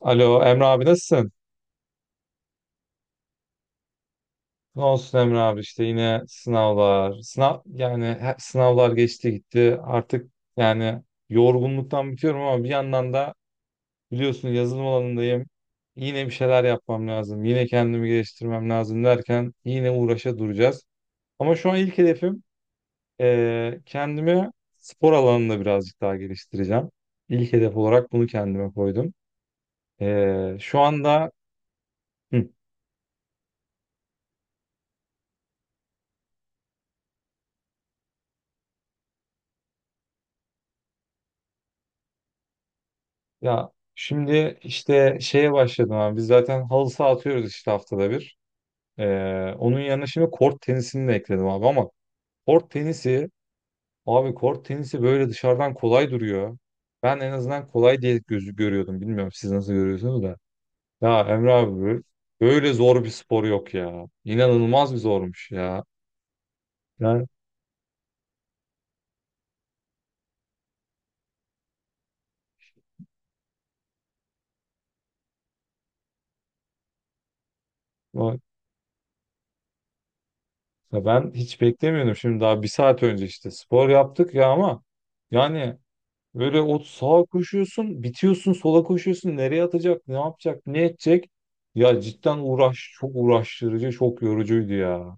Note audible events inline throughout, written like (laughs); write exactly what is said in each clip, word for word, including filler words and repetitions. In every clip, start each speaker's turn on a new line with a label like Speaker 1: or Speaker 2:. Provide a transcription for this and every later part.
Speaker 1: Alo Emre abi, nasılsın? Ne olsun Emre abi, işte yine sınavlar. Sınav yani he- sınavlar geçti gitti. Artık yani yorgunluktan bitiyorum ama bir yandan da biliyorsun yazılım alanındayım. Yine bir şeyler yapmam lazım. Yine kendimi geliştirmem lazım derken yine uğraşa duracağız. Ama şu an ilk hedefim eee, kendimi spor alanında birazcık daha geliştireceğim. İlk hedef olarak bunu kendime koydum. Eee, şu anda ya şimdi işte şeye başladım abi. Biz zaten halı saha atıyoruz işte haftada bir. Ee, onun yanına şimdi kort tenisini de ekledim abi ama kort tenisi abi, kort tenisi böyle dışarıdan kolay duruyor. Ben en azından kolay diye gözü görüyordum. Bilmiyorum siz nasıl görüyorsunuz da. Ya Emre abi, böyle böyle zor bir spor yok ya. İnanılmaz bir zormuş ya. Yani o- ya ben hiç beklemiyordum. Şimdi daha bir saat önce işte spor yaptık ya ama yani böyle o sağa koşuyorsun, bitiyorsun, sola koşuyorsun. Nereye atacak, ne yapacak, ne edecek? Ya cidden uğraş, çok uğraştırıcı, çok yorucuydu ya.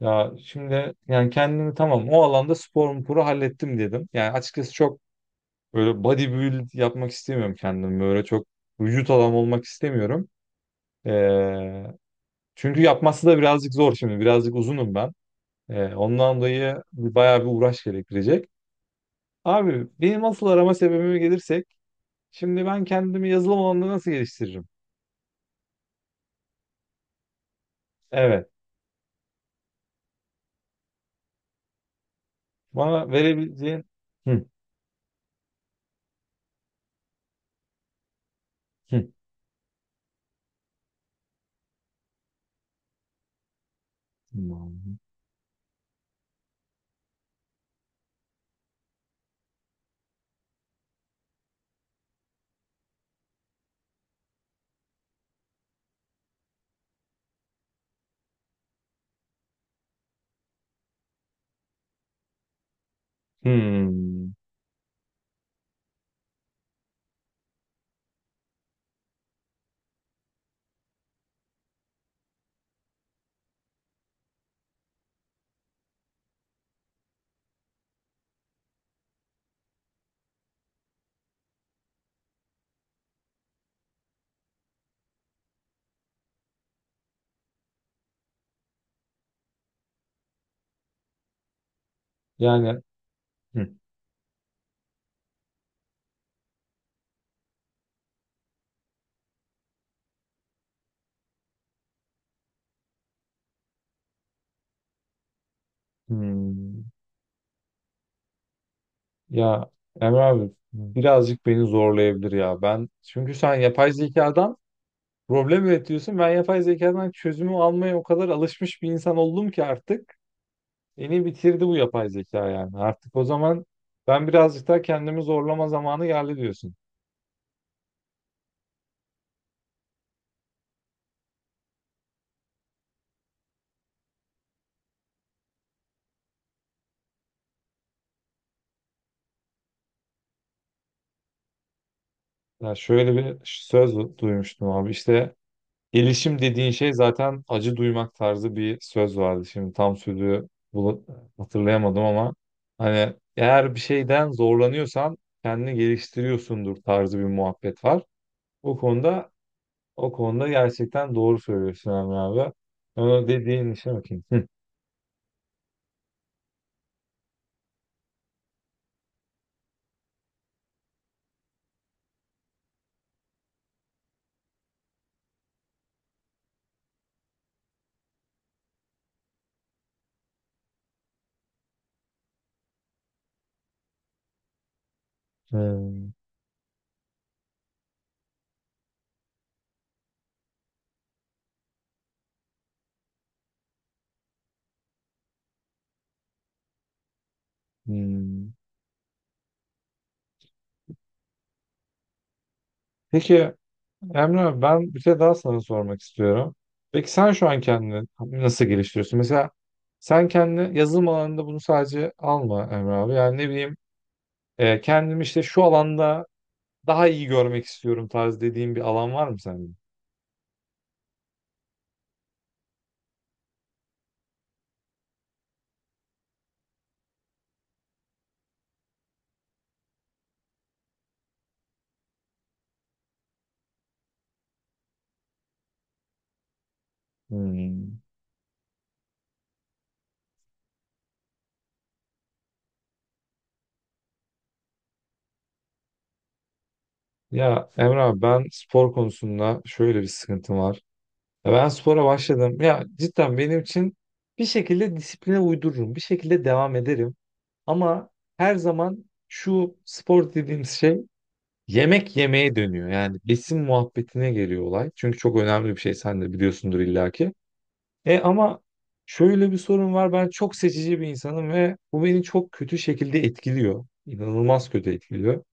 Speaker 1: Ya şimdi yani kendimi tamam o alanda spor sporu hallettim dedim. Yani açıkçası çok böyle bodybuild yapmak istemiyorum kendim. Böyle çok vücut adam olmak istemiyorum. Ee, çünkü yapması da birazcık zor şimdi. Birazcık uzunum ben. Ee, ondan dolayı bir- bayağı bir uğraş gerektirecek. Abi benim asıl arama sebebime gelirsek, şimdi ben kendimi yazılım alanında nasıl geliştiririm? Evet. Bana verebileceğin... Hı, hı, hı, yani hı, hı. Ya Emre abi, birazcık beni zorlayabilir ya. Ben çünkü sen yapay zekadan problem üretiyorsun. Ben yapay zekadan çözümü almaya o kadar alışmış bir insan oldum ki artık beni bitirdi bu yapay zeka yani. Artık o zaman ben birazcık daha kendimi zorlama zamanı geldi diyorsun. Ya şöyle bir söz duymuştum abi, işte gelişim dediğin şey zaten acı duymak tarzı bir söz vardı. Şimdi tam sözü bulu- hatırlayamadım ama hani eğer bir şeyden zorlanıyorsan kendini geliştiriyorsundur tarzı bir muhabbet var. O konuda o konuda gerçekten doğru söylüyorsun Emre abi. Onu dediğin işe bakayım. Hı. Hmm. Hmm. Peki Emre abi, ben bir şey daha sana sormak istiyorum. Peki sen şu an kendini nasıl geliştiriyorsun? Mesela sen kendini yazılım alanında bunu sadece alma Emre abi. Yani ne bileyim, e, kendimi işte şu alanda daha iyi görmek istiyorum tarz dediğin bir alan var mı sende? Hmm. Ya Emre abi, ben spor konusunda şöyle bir sıkıntım var. Ya ben spora başladım. Ya cidden benim için bir şekilde disipline uydururum. Bir şekilde devam ederim. Ama her zaman şu spor dediğimiz şey yemek yemeye dönüyor. Yani besin muhabbetine geliyor olay. Çünkü çok önemli bir şey, sen de biliyorsundur illaki. E ama şöyle bir sorun var. Ben çok seçici bir insanım ve bu beni çok kötü şekilde etkiliyor. İnanılmaz kötü etkiliyor.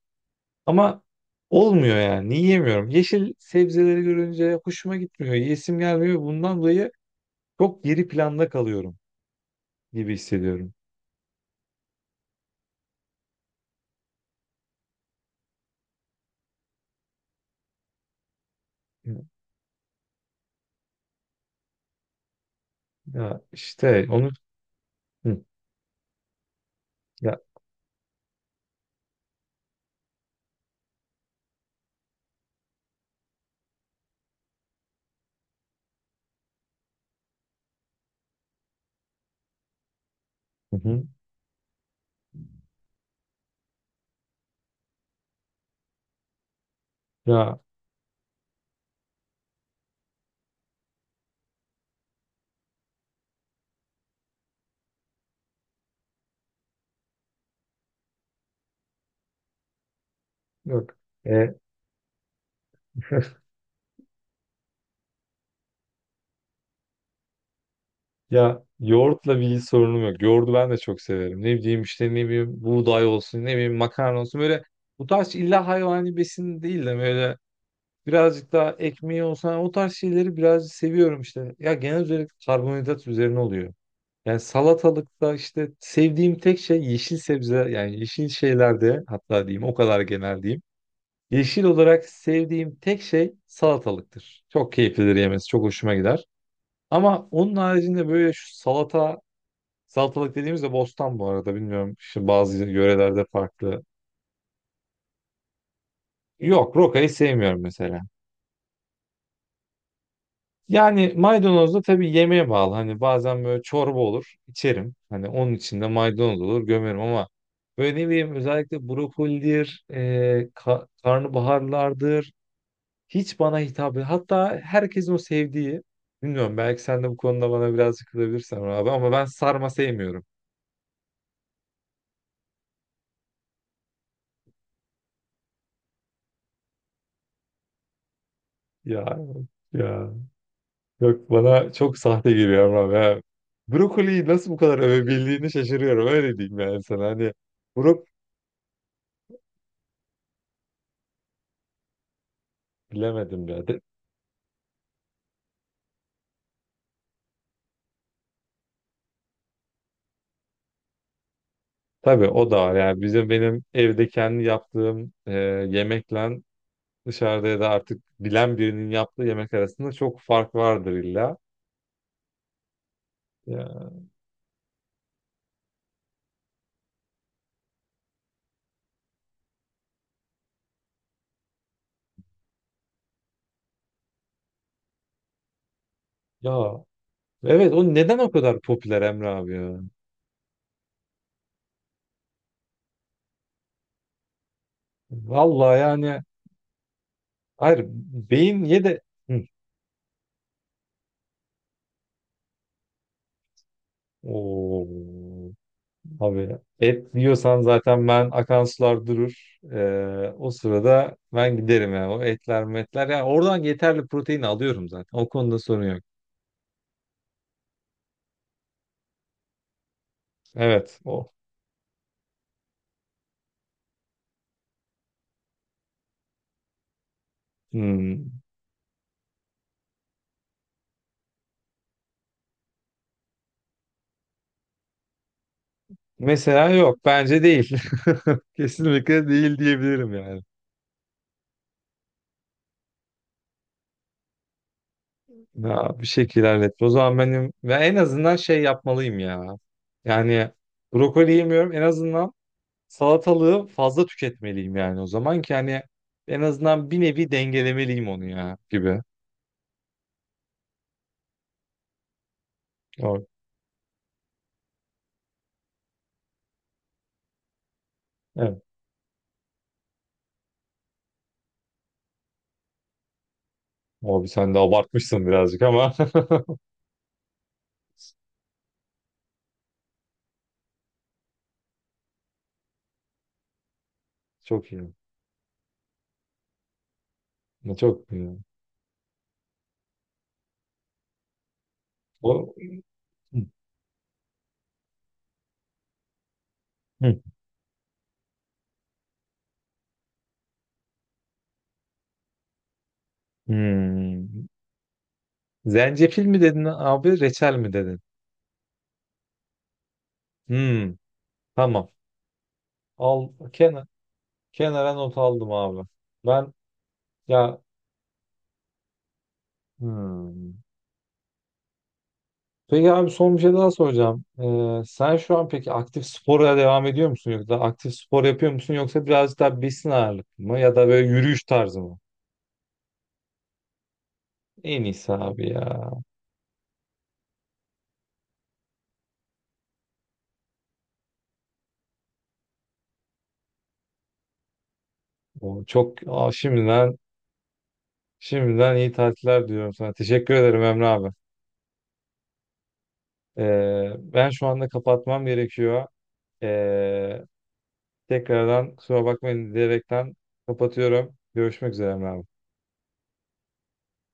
Speaker 1: Ama olmuyor yani. Yiyemiyorum. Yeşil sebzeleri görünce hoşuma gitmiyor. Yesim gelmiyor. Bundan dolayı çok geri planda kalıyorum gibi hissediyorum. Ya işte onu. Hı. Ya. Hı hı. Ya, yok. E, (laughs) ya yoğurtla bir sorunum yok. Yoğurdu ben de çok severim. Ne bileyim işte, ne bileyim buğday olsun, ne bileyim makarna olsun. Böyle bu tarz illa hayvani besin değil de böyle birazcık daha ekmeği olsun. O tarz şeyleri birazcık seviyorum işte. Ya genel olarak karbonhidrat üzerine oluyor. Yani salatalıkta işte sevdiğim tek şey yeşil sebze, yani yeşil şeylerde, hatta diyeyim o kadar genel diyeyim. Yeşil olarak sevdiğim tek şey salatalıktır. Çok keyiflidir yemesi, çok hoşuma gider. Ama onun haricinde böyle şu salata. Salatalık dediğimizde bostan bu arada, bilmiyorum. Şimdi bazı yörelerde farklı. Yok, rokayı sevmiyorum mesela. Yani maydanoz da tabii yemeğe bağlı. Hani bazen böyle çorba olur, içerim. Hani onun içinde maydanoz olur gömerim ama böyle ne bileyim özellikle brokolidir, e, ka- karnabaharlardır. Hiç bana hitap etmiyor. Hatta herkesin o sevdiği. Bilmiyorum, belki sen de bu konuda bana biraz kızabilirsin abi ama ben sarma sevmiyorum. Ya, ya. Yok, bana çok sahte geliyor ama ya. Brokoliyi nasıl bu kadar övebildiğini şaşırıyorum, öyle diyeyim yani sana, hani brok bilemedim ya. De, tabii o da var yani bizim, benim evde kendi yaptığım e, yemekle dışarıda ya da artık bilen birinin yaptığı yemek arasında çok fark vardır illa. Ya, ya evet, o neden o kadar popüler Emre abi ya? Vallahi yani, hayır, beyin ye de. Hı. Oo. Abi et diyorsan zaten ben akan sular durur. Ee, o sırada ben giderim yani. O etler metler. Yani oradan yeterli protein alıyorum zaten. O konuda sorun yok. Evet. O. Hmm. Mesela yok. Bence değil. (laughs) Kesinlikle değil diyebilirim yani. Ya, bir şekilde hallet. O zaman benim ve en azından şey yapmalıyım ya. Yani brokoli yemiyorum. En azından salatalığı fazla tüketmeliyim yani, o zaman ki hani en azından bir nevi dengelemeliyim onu ya gibi. Abi, evet. Abi sen de abartmışsın birazcık ama (laughs) çok iyi. Çok iyi. O... Hı. Hı. Hmm. Zencefil mi dedin abi, reçel mi dedin? Hmm. Tamam. Al kenar, kenara not aldım abi. Ben ya, hmm. Peki abi, son bir şey daha soracağım. Ee, sen şu an peki aktif spora devam ediyor musun, yoksa aktif spor yapıyor musun, yoksa birazcık daha besin ağırlık mı ya da böyle yürüyüş tarzı mı? En iyisi abi ya. O çok, aa, şimdiden. Şimdiden iyi tatiller diliyorum sana. Teşekkür ederim Emre abi. Ee, ben şu anda kapatmam gerekiyor. Ee, tekrardan kusura bakmayın diyerekten kapatıyorum. Görüşmek üzere Emre abi.